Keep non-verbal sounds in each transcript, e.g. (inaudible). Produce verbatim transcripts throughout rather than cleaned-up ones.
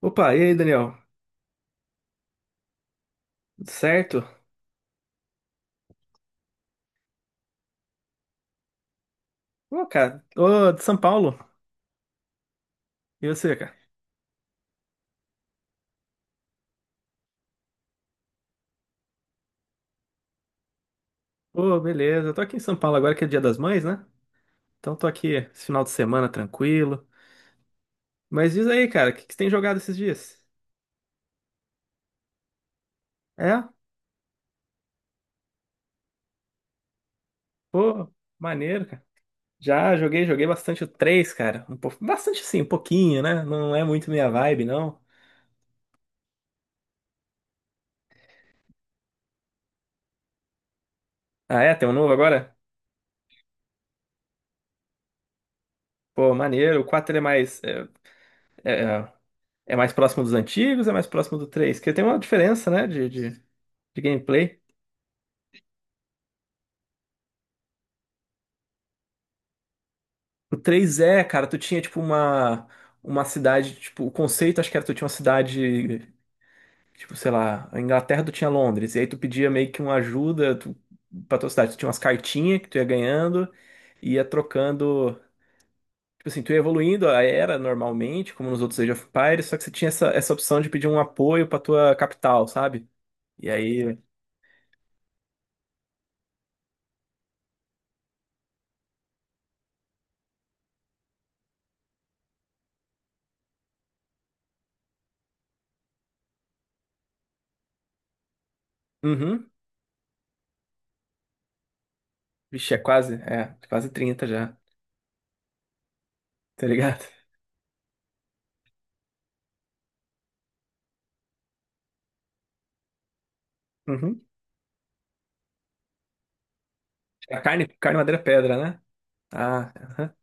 Opa, e aí, Daniel? Tudo certo? Ô, cara, ô, de São Paulo. E você, cara? Ô, beleza. Eu tô aqui em São Paulo agora que é Dia das Mães, né? Então tô aqui esse final de semana tranquilo. Mas diz aí, cara, o que que você tem jogado esses dias? É? Pô, maneiro, cara. Já joguei, joguei bastante o três, cara. Um pouco, bastante sim, um pouquinho, né? Não é muito minha vibe, não. Ah, é? Tem um novo agora? Pô, maneiro. O quatro ele é mais. É, é, é mais próximo dos antigos, é mais próximo do três, porque tem uma diferença, né? De, de, de gameplay. O três é cara, tu tinha tipo uma uma cidade, tipo, o conceito acho que era tu tinha uma cidade, tipo, sei lá, a Inglaterra tu tinha Londres, e aí tu pedia meio que uma ajuda tu, pra tua cidade, tu tinha umas cartinhas que tu ia ganhando, e ia trocando, tipo assim, tu ia evoluindo a era normalmente, como nos outros Age of Empires, só que você tinha essa, essa opção de pedir um apoio pra tua capital, sabe? E aí, uhum, vixe, é quase, é, quase trinta já. Tá ligado? Uhum. A carne, carne, madeira, pedra, né? Ah, aham,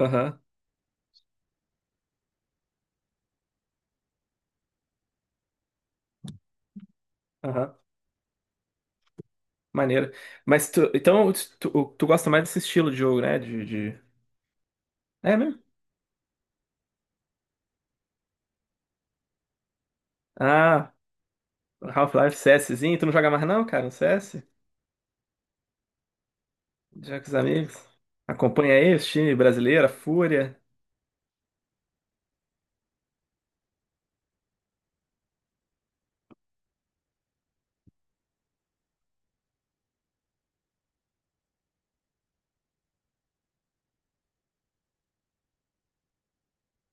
aham, aham. Maneiro. Mas tu, então, tu, tu gosta mais desse estilo de jogo, né? De, de... É mesmo? Ah, Half-Life CSzinho, tu não joga mais não, cara, no C S? Já com os amigos? Acompanha aí os times brasileiro, a Fúria.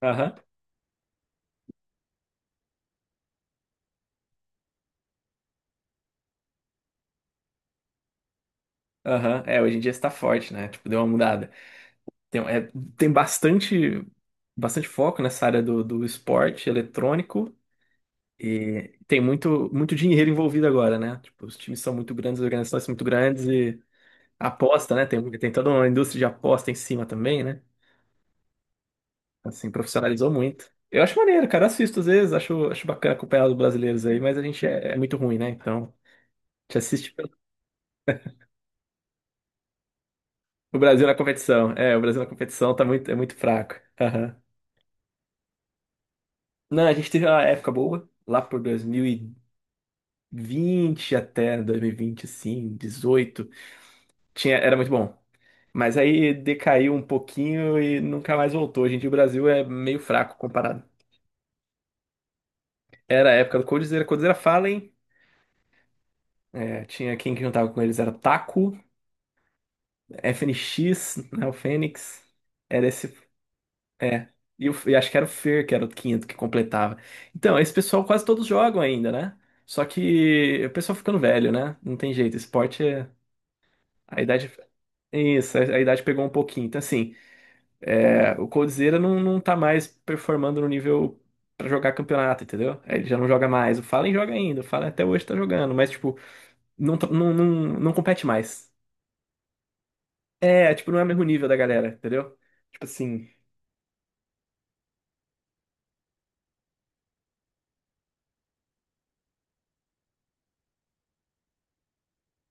Aham, aham. É, hoje em dia está forte, né? Tipo, deu uma mudada. Tem, é, tem bastante, bastante foco nessa área do, do esporte eletrônico. E tem muito, muito dinheiro envolvido agora, né? Tipo, os times são muito grandes, as organizações são muito grandes e a aposta, né? Tem, um, tem toda uma indústria de aposta em cima também, né? Assim, profissionalizou muito. Eu acho maneiro, cara. Assisto às vezes, acho, acho bacana acompanhar os brasileiros aí, mas a gente é, é muito ruim, né? Então, a gente assiste pelo- o Brasil na competição. É, o Brasil na competição tá muito, é muito fraco. Aham. Não, a gente teve uma época boa, lá por dois mil e vinte até dois mil e vinte, assim, dezoito. Tinha, era muito bom. Mas aí decaiu um pouquinho e nunca mais voltou. Gente, o Brasil é meio fraco comparado. Era a época do Coldzera, Coldzera Fallen, é, tinha quem que juntava com eles, era Taco, F N X, né, o Fênix, era esse, é, e, o- e acho que era o Fer, que era o quinto que completava. Então, esse pessoal quase todos jogam ainda, né? Só que o pessoal ficando velho, né? Não tem jeito, esporte, é- a idade, isso, a, a idade pegou um pouquinho. Então, assim, É, o Coldzera não, não tá mais performando no nível pra jogar campeonato, entendeu? Aí ele já não joga mais. O Fallen joga ainda, o Fallen até hoje tá jogando, mas, tipo, não, tá- não, não, não compete mais. É, tipo, não é o mesmo nível da galera, entendeu? Tipo assim,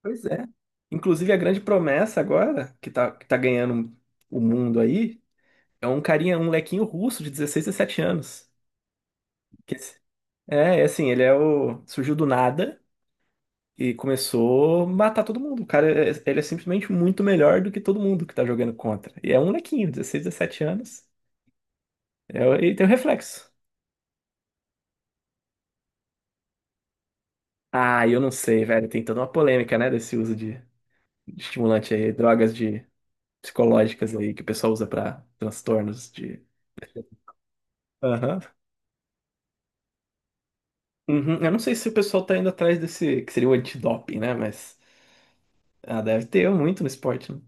pois é. Inclusive, a grande promessa agora, que tá, que tá, ganhando o mundo aí, é um carinha, um molequinho russo de dezesseis, dezessete anos. Que esse- É, é assim, ele é o. Surgiu do nada. E começou a matar todo mundo. O cara, é- ele é simplesmente muito melhor do que todo mundo que tá jogando contra. E é um molequinho, dezesseis, dezessete anos, é, e tem o reflexo. Ah, eu não sei, velho, tem toda uma polêmica, né, desse uso de, de estimulante aí, drogas de psicológicas aí que o pessoal usa pra transtornos de... Aham. Uhum. Eu não sei se o pessoal tá indo atrás desse, que seria o antidoping, né, mas ah, deve ter muito no esporte, né?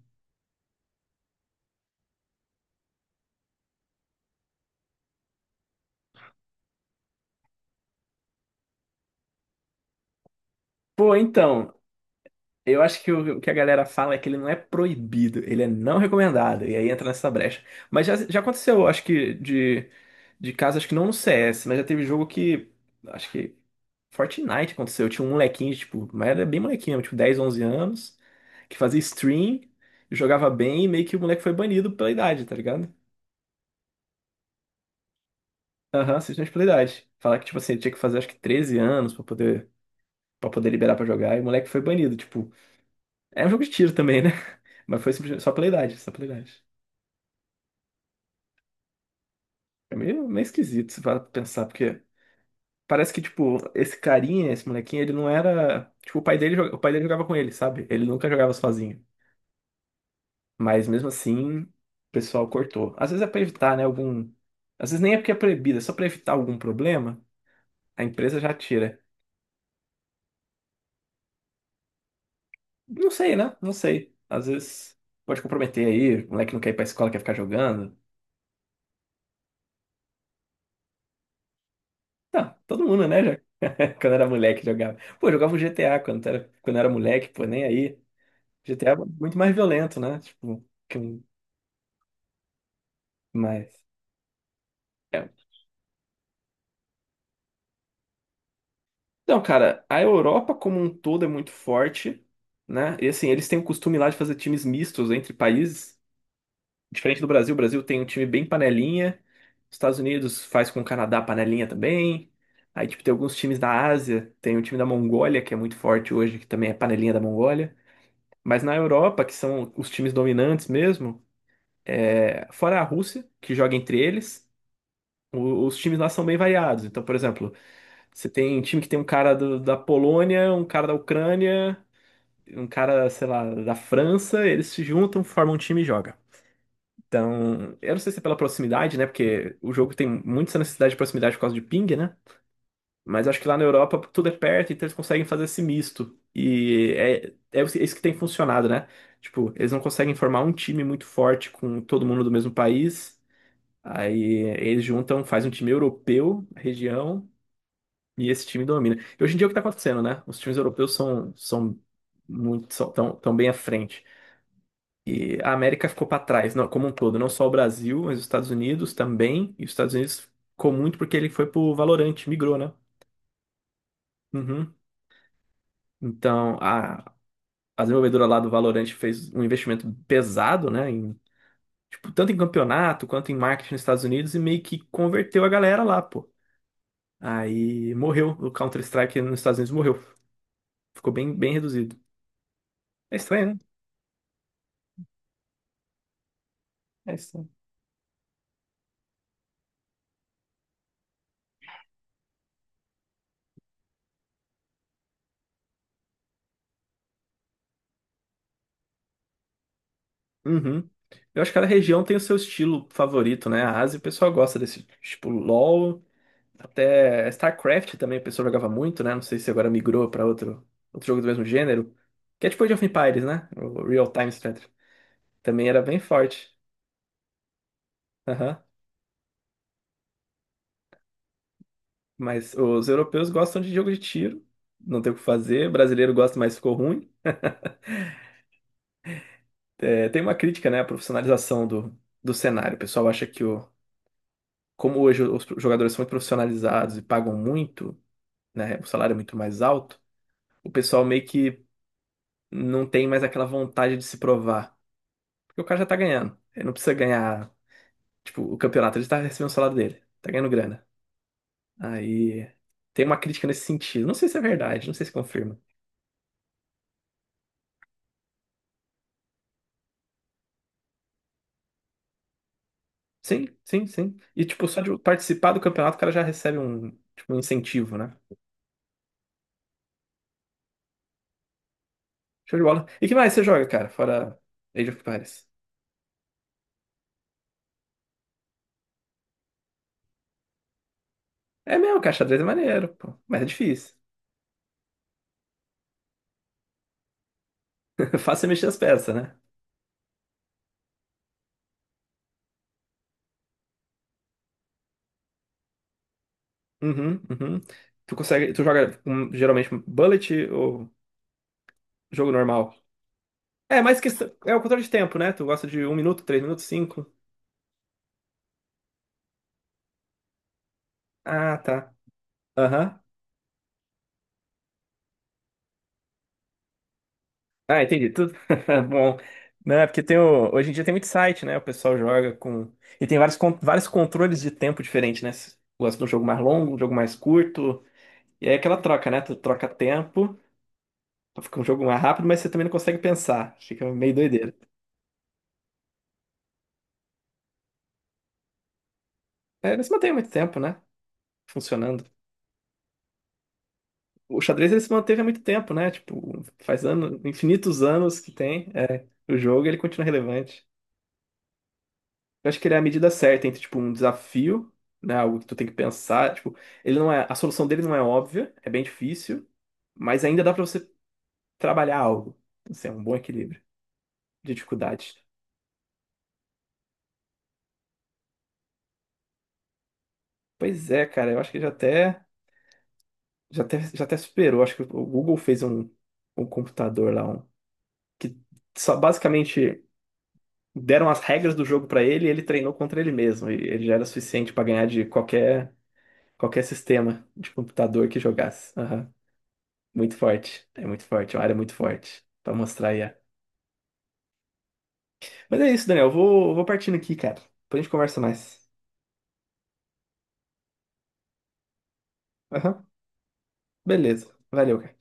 Pô, então, eu acho que o, o que a galera fala é que ele não é proibido, ele é não recomendado, e aí entra nessa brecha. Mas já, já aconteceu, acho que, de, de casos, acho que não no C S, mas já teve jogo que, acho que Fortnite aconteceu, tinha um molequinho, tipo, mas era bem molequinho, tipo dez, onze anos, que fazia stream, jogava bem, e meio que o moleque foi banido pela idade, tá ligado? Aham, assistente pela idade. Falar que, tipo assim, ele tinha que fazer acho que treze anos pra poder, pra poder liberar pra jogar, e o moleque foi banido, tipo, é um jogo de tiro também, né? (laughs) Mas foi simplesmente só pela idade, só pela idade. É meio, meio esquisito se para pensar, porque parece que, tipo, esse carinha, esse molequinho, ele não era. Tipo, o pai dele, joga- o pai dele jogava com ele, sabe? Ele nunca jogava sozinho. Mas mesmo assim, o pessoal cortou. Às vezes é pra evitar, né? Algum. Às vezes nem é porque é proibido, é só pra evitar algum problema, a empresa já tira. Não sei, né? Não sei. Às vezes pode comprometer aí, o moleque não quer ir pra escola, quer ficar jogando. Tá, todo mundo, né? Já... (laughs) Quando era moleque jogava. Pô, eu jogava um G T A quando era, quando era moleque, pô, nem aí. G T A é muito mais violento, né? Tipo, que um- mais. É. Então, cara, a Europa como um todo é muito forte, né? E assim, eles têm o costume lá de fazer times mistos entre países. Diferente do Brasil, o Brasil tem um time bem panelinha. Os Estados Unidos faz com o Canadá panelinha também. Aí, tipo, tem alguns times da Ásia, tem o time da Mongólia, que é muito forte hoje, que também é panelinha da Mongólia. Mas na Europa, que são os times dominantes mesmo, é... fora a Rússia, que joga entre eles. o- Os times lá são bem variados. Então, por exemplo, você tem um time que tem um cara do- da Polônia, um cara da Ucrânia, um cara, sei lá, da França, eles se juntam, formam um time e jogam. Então, eu não sei se é pela proximidade, né? Porque o jogo tem muito essa necessidade de proximidade por causa de ping, né? Mas acho que lá na Europa tudo é perto, então eles conseguem fazer esse misto. E é, é isso que tem funcionado, né? Tipo, eles não conseguem formar um time muito forte com todo mundo do mesmo país. Aí eles juntam, faz um time europeu, região, e esse time domina. E hoje em dia é o que está acontecendo, né? Os times europeus são, são muito são, tão, tão bem à frente. E a América ficou para trás, não, como um todo, não só o Brasil, mas os Estados Unidos também. E os Estados Unidos ficou muito porque ele foi pro Valorant, migrou, né? Uhum. Então, a, a desenvolvedora lá do Valorant fez um investimento pesado, né? Em, tipo, tanto em campeonato quanto em marketing nos Estados Unidos e meio que converteu a galera lá, pô. Aí morreu. O Counter-Strike nos Estados Unidos morreu. Ficou bem, bem reduzido. É estranho, né? É estranho. Uhum. Eu acho que cada região tem o seu estilo favorito, né? A Ásia, o pessoal gosta desse tipo LoL, até StarCraft também o pessoal jogava muito, né? Não sei se agora migrou para outro, outro, jogo do mesmo gênero, que é tipo Age of Empires, né? O Real Time Strategy. Também era bem forte. Aham. Mas os europeus gostam de jogo de tiro, não tem o que fazer. O brasileiro gosta, mas ficou ruim. É, tem uma crítica, né, à profissionalização do, do cenário. O pessoal acha que o, como hoje os jogadores são muito profissionalizados e pagam muito, né, o salário é muito mais alto, o pessoal meio que não tem mais aquela vontade de se provar. Porque o cara já tá ganhando. Ele não precisa ganhar, tipo, o campeonato, ele tá recebendo o salário dele, tá ganhando grana. Aí tem uma crítica nesse sentido. Não sei se é verdade, não sei se confirma. Sim, sim, sim. E, tipo, só de participar do campeonato, o cara já recebe um, tipo, um incentivo, né? Show de bola. E que mais você joga, cara, fora Age of Empires? É mesmo, cara, xadrez é maneiro, pô. Mas é difícil. (laughs) Fácil é mexer as peças, né? Uhum, uhum. Tu consegue, tu joga com, geralmente bullet ou jogo normal? É, mas que é o controle de tempo, né? Tu gosta de um minuto, três minutos, cinco? Ah, tá. Aham. Ah, entendi. Tudo (laughs) bom, né? Porque tem o... hoje em dia tem muito site, né? O pessoal joga com e tem vários con- vários controles de tempo diferentes, né? Se tu gosta de um jogo mais longo, um jogo mais curto. E aí é aquela troca, né? Tu troca tempo, pra ficar um jogo mais rápido, mas você também não consegue pensar. Fica meio doideira. É, mas mantém muito tempo, né? Funcionando. O xadrez ele se manteve há muito tempo, né? Tipo, faz anos, infinitos anos que tem. É, o jogo ele continua relevante. Eu acho que ele é a medida certa entre, tipo, um desafio, né? Algo que tu tem que pensar. Tipo, ele não é, a solução dele não é óbvia, é bem difícil, mas ainda dá pra você trabalhar algo. Assim, é um bom equilíbrio de dificuldade. Pois é, cara, eu acho que já até, já até, já até superou. Acho que o Google fez um, um computador lá, um, que só basicamente. Deram as regras do jogo pra ele e ele treinou contra ele mesmo. E ele já era suficiente pra ganhar de qualquer, qualquer sistema de computador que jogasse. Aham. Muito forte. É muito forte. É uma área muito forte. Pra mostrar aí. É. Mas é isso, Daniel. Eu Vou, vou partindo aqui, cara. Depois a gente conversa mais. Aham. Beleza. Valeu, cara.